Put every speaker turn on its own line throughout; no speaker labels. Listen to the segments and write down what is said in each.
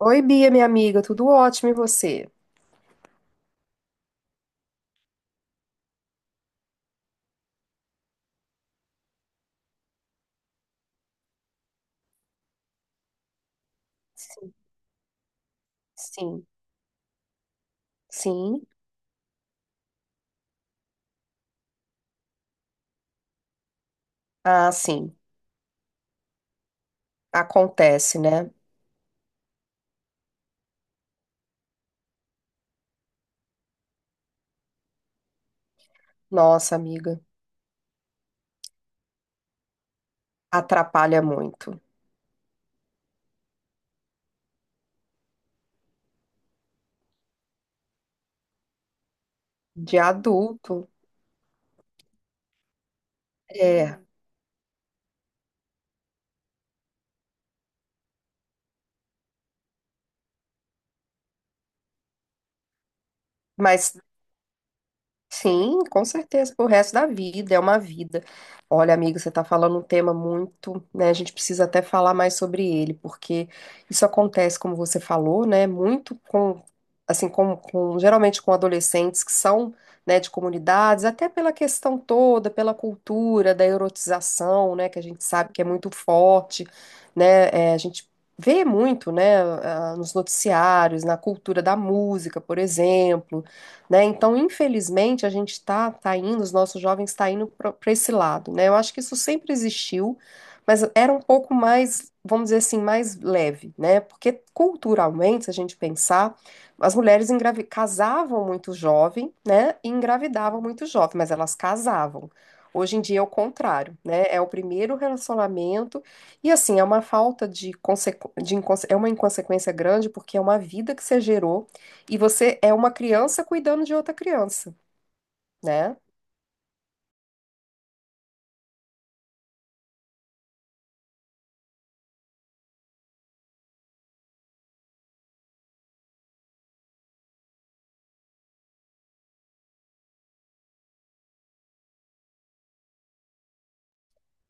Oi, Bia, minha amiga, tudo ótimo e você? Sim, sim, sim. Ah, sim. Acontece, né? Nossa, amiga, atrapalha muito. De adulto, é. Mas Sim, com certeza, pro resto da vida, é uma vida. Olha, amigo, você está falando um tema muito, né? A gente precisa até falar mais sobre ele, porque isso acontece, como você falou, né? Muito com, assim, com- geralmente com adolescentes que são, né, de comunidades, até pela questão toda, pela cultura da erotização, né? Que a gente sabe que é muito forte, né? A gente vê muito, né? Nos noticiários, na cultura da música, por exemplo, né? Então, infelizmente, a gente está tá indo, os nossos jovens estão indo para esse lado, né? Eu acho que isso sempre existiu, mas era um pouco mais, vamos dizer assim, mais leve, né? Porque culturalmente, se a gente pensar, as mulheres casavam muito jovem, né? E engravidavam muito jovem, mas elas casavam. Hoje em dia é o contrário, né? É o primeiro relacionamento e assim é uma falta de, consequ... de inconse- é uma inconsequência grande porque é uma vida que você gerou e você é uma criança cuidando de outra criança, né?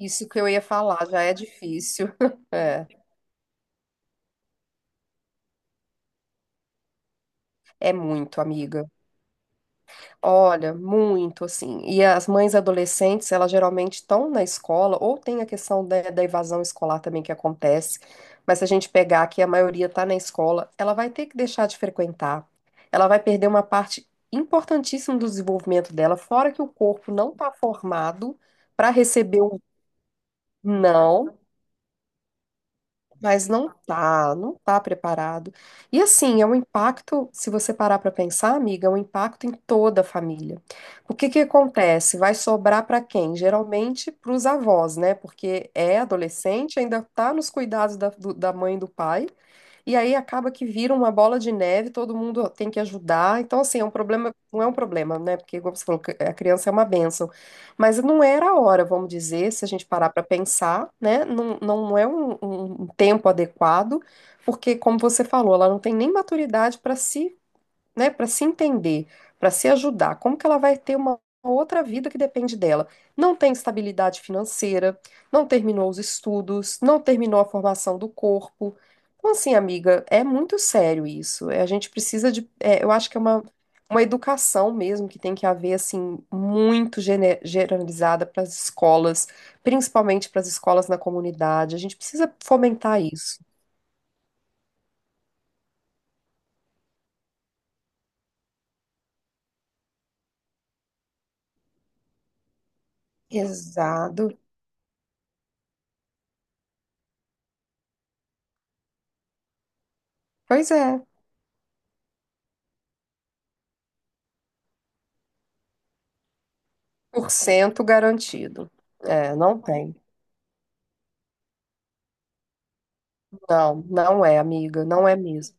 Isso que eu ia falar, já é difícil. É, é muito, amiga. Olha, muito, assim. E as mães adolescentes, elas geralmente estão na escola, ou tem a questão da evasão escolar também que acontece. Mas se a gente pegar que a maioria está na escola, ela vai ter que deixar de frequentar. Ela vai perder uma parte importantíssima do desenvolvimento dela, fora que o corpo não está formado para receber o não. Mas não tá, não tá preparado. E assim, é um impacto, se você parar para pensar, amiga, é um impacto em toda a família. O que que acontece? Vai sobrar para quem? Geralmente para os avós, né? Porque é adolescente, ainda tá nos cuidados da mãe e do pai. E aí acaba que vira uma bola de neve, todo mundo tem que ajudar. Então, assim, é um problema, não é um problema, né? Porque, como você falou, que a criança é uma bênção. Mas não era a hora, vamos dizer, se a gente parar para pensar, né? Não, não, não é um tempo adequado, porque, como você falou, ela não tem nem maturidade para se, né, para se entender, para se ajudar, como que ela vai ter uma outra vida que depende dela? Não tem estabilidade financeira, não terminou os estudos, não terminou a formação do corpo. Então, assim, amiga, é muito sério isso. A gente precisa de, eu acho que é uma educação mesmo que tem que haver, assim, muito generalizada para as escolas, principalmente para as escolas na comunidade. A gente precisa fomentar isso. Exato. Pois é. Por cento garantido. É, não tem. Não, não é, amiga, não é mesmo.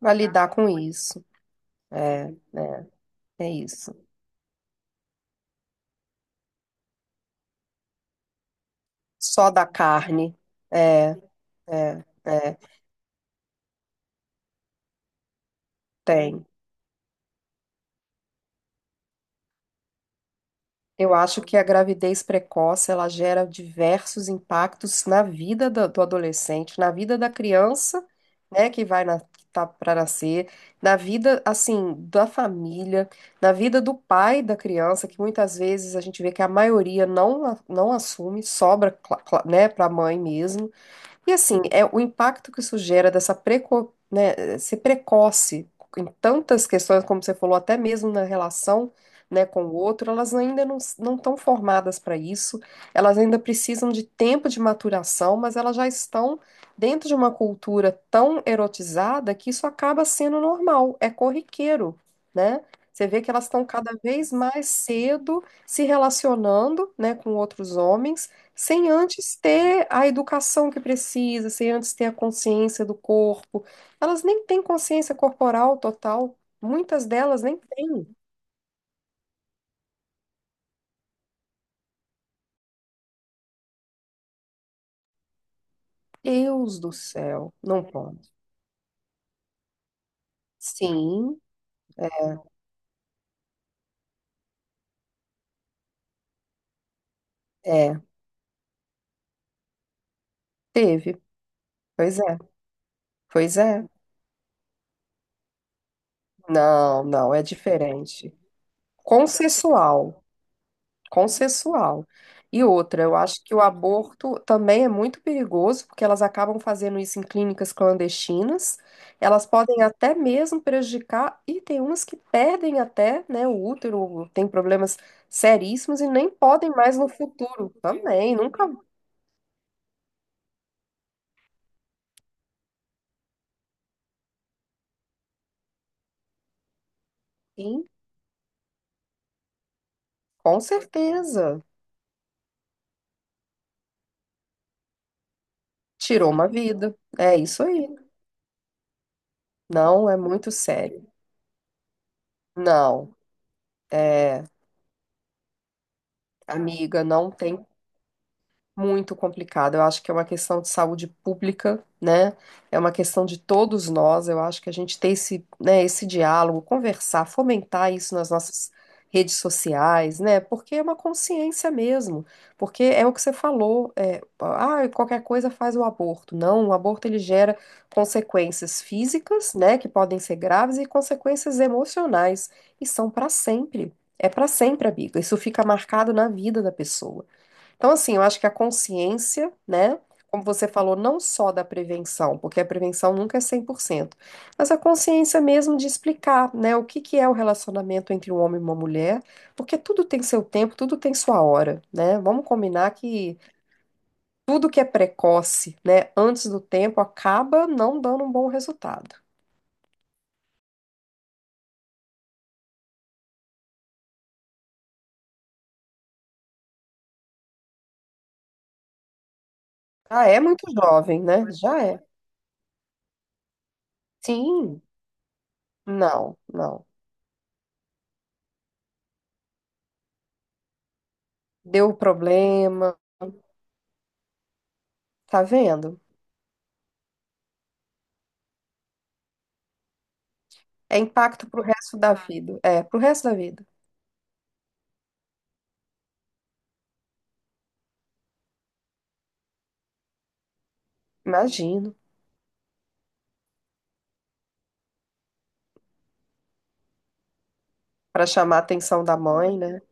Vai lidar com isso. É, é, é isso. Só da carne. É, é, é. Tem. Eu acho que a gravidez precoce ela gera diversos impactos na vida do adolescente, na vida da criança, né, que vai na, que tá para nascer, na vida assim da família, na vida do pai da criança, que muitas vezes a gente vê que a maioria não assume, sobra, né, para a mãe mesmo. E assim, é o impacto que isso gera né, ser precoce em tantas questões, como você falou, até mesmo na relação, né, com o outro, elas ainda não estão formadas para isso, elas ainda precisam de tempo de maturação, mas elas já estão dentro de uma cultura tão erotizada que isso acaba sendo normal, é corriqueiro, né? Você vê que elas estão cada vez mais cedo se relacionando, né, com outros homens sem antes ter a educação que precisa, sem antes ter a consciência do corpo. Elas nem têm consciência corporal total, muitas delas nem têm. Deus do céu, não pode. Sim, é, é. Teve. Pois é, pois é. Não, não, é diferente. Consensual, consensual. E outra, eu acho que o aborto também é muito perigoso, porque elas acabam fazendo isso em clínicas clandestinas. Elas podem até mesmo prejudicar, e tem umas que perdem até, né, o útero, tem problemas seríssimos e nem podem mais no futuro também. Nunca vi, com certeza. Tirou uma vida. É isso aí. Não, é muito sério. Não, é, amiga, não tem, muito complicado. Eu acho que é uma questão de saúde pública, né? É uma questão de todos nós. Eu acho que a gente ter esse, né, esse diálogo, conversar, fomentar isso nas nossas redes sociais, né? Porque é uma consciência mesmo. Porque é o que você falou, qualquer coisa faz o aborto. Não, o aborto ele gera consequências físicas, né, que podem ser graves e consequências emocionais e são para sempre. É para sempre, amiga. Isso fica marcado na vida da pessoa. Então, assim, eu acho que a consciência, né? Como você falou, não só da prevenção, porque a prevenção nunca é 100%, mas a consciência mesmo de explicar, né, o que que é o relacionamento entre um homem e uma mulher, porque tudo tem seu tempo, tudo tem sua hora, né? Vamos combinar que tudo que é precoce, né, antes do tempo, acaba não dando um bom resultado. Ah, é muito jovem, né? Já é. Sim, não, não. Deu problema, tá vendo? É impacto pro resto da vida. É, pro resto da vida. Imagino. Pra chamar a atenção da mãe, né?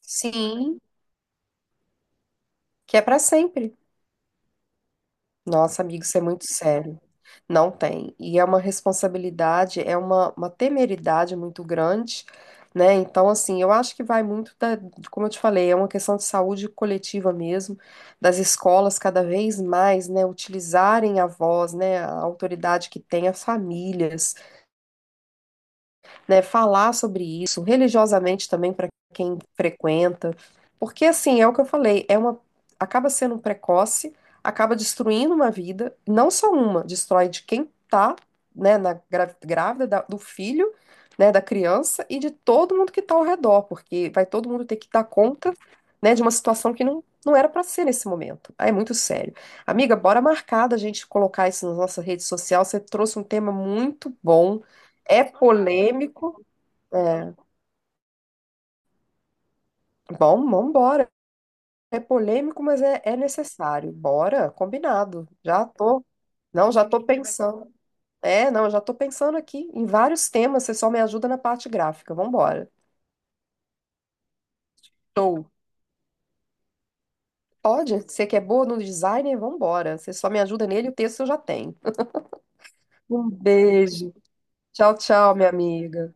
Sim, que é pra sempre. Nossa, amigo, isso é muito sério. Não tem. E é uma responsabilidade, é uma temeridade muito grande, né? Então, assim, eu acho que vai muito da, como eu te falei, é uma questão de saúde coletiva mesmo, das escolas cada vez mais, né, utilizarem a voz, né, a autoridade que tem, as famílias, né, falar sobre isso religiosamente também para quem frequenta, porque assim, é o que eu falei, é uma, acaba sendo um precoce, acaba destruindo uma vida, não só uma, destrói de quem tá, grávida do filho, né, da criança e de todo mundo que tá ao redor, porque vai todo mundo ter que dar conta, né, de uma situação que não, não era para ser nesse momento. Ah, é muito sério. Amiga, bora marcar da gente colocar isso na nossa rede social. Você trouxe um tema muito bom, é polêmico, é, bom, vambora. É polêmico, mas é necessário. Bora, combinado. Já tô pensando. É, não, eu já tô pensando aqui em vários temas, você só me ajuda na parte gráfica. Vambora. Show. Pode? Você que é boa no design, vambora. Você só me ajuda nele, o texto eu já tenho. Um beijo. Tchau, tchau, minha amiga.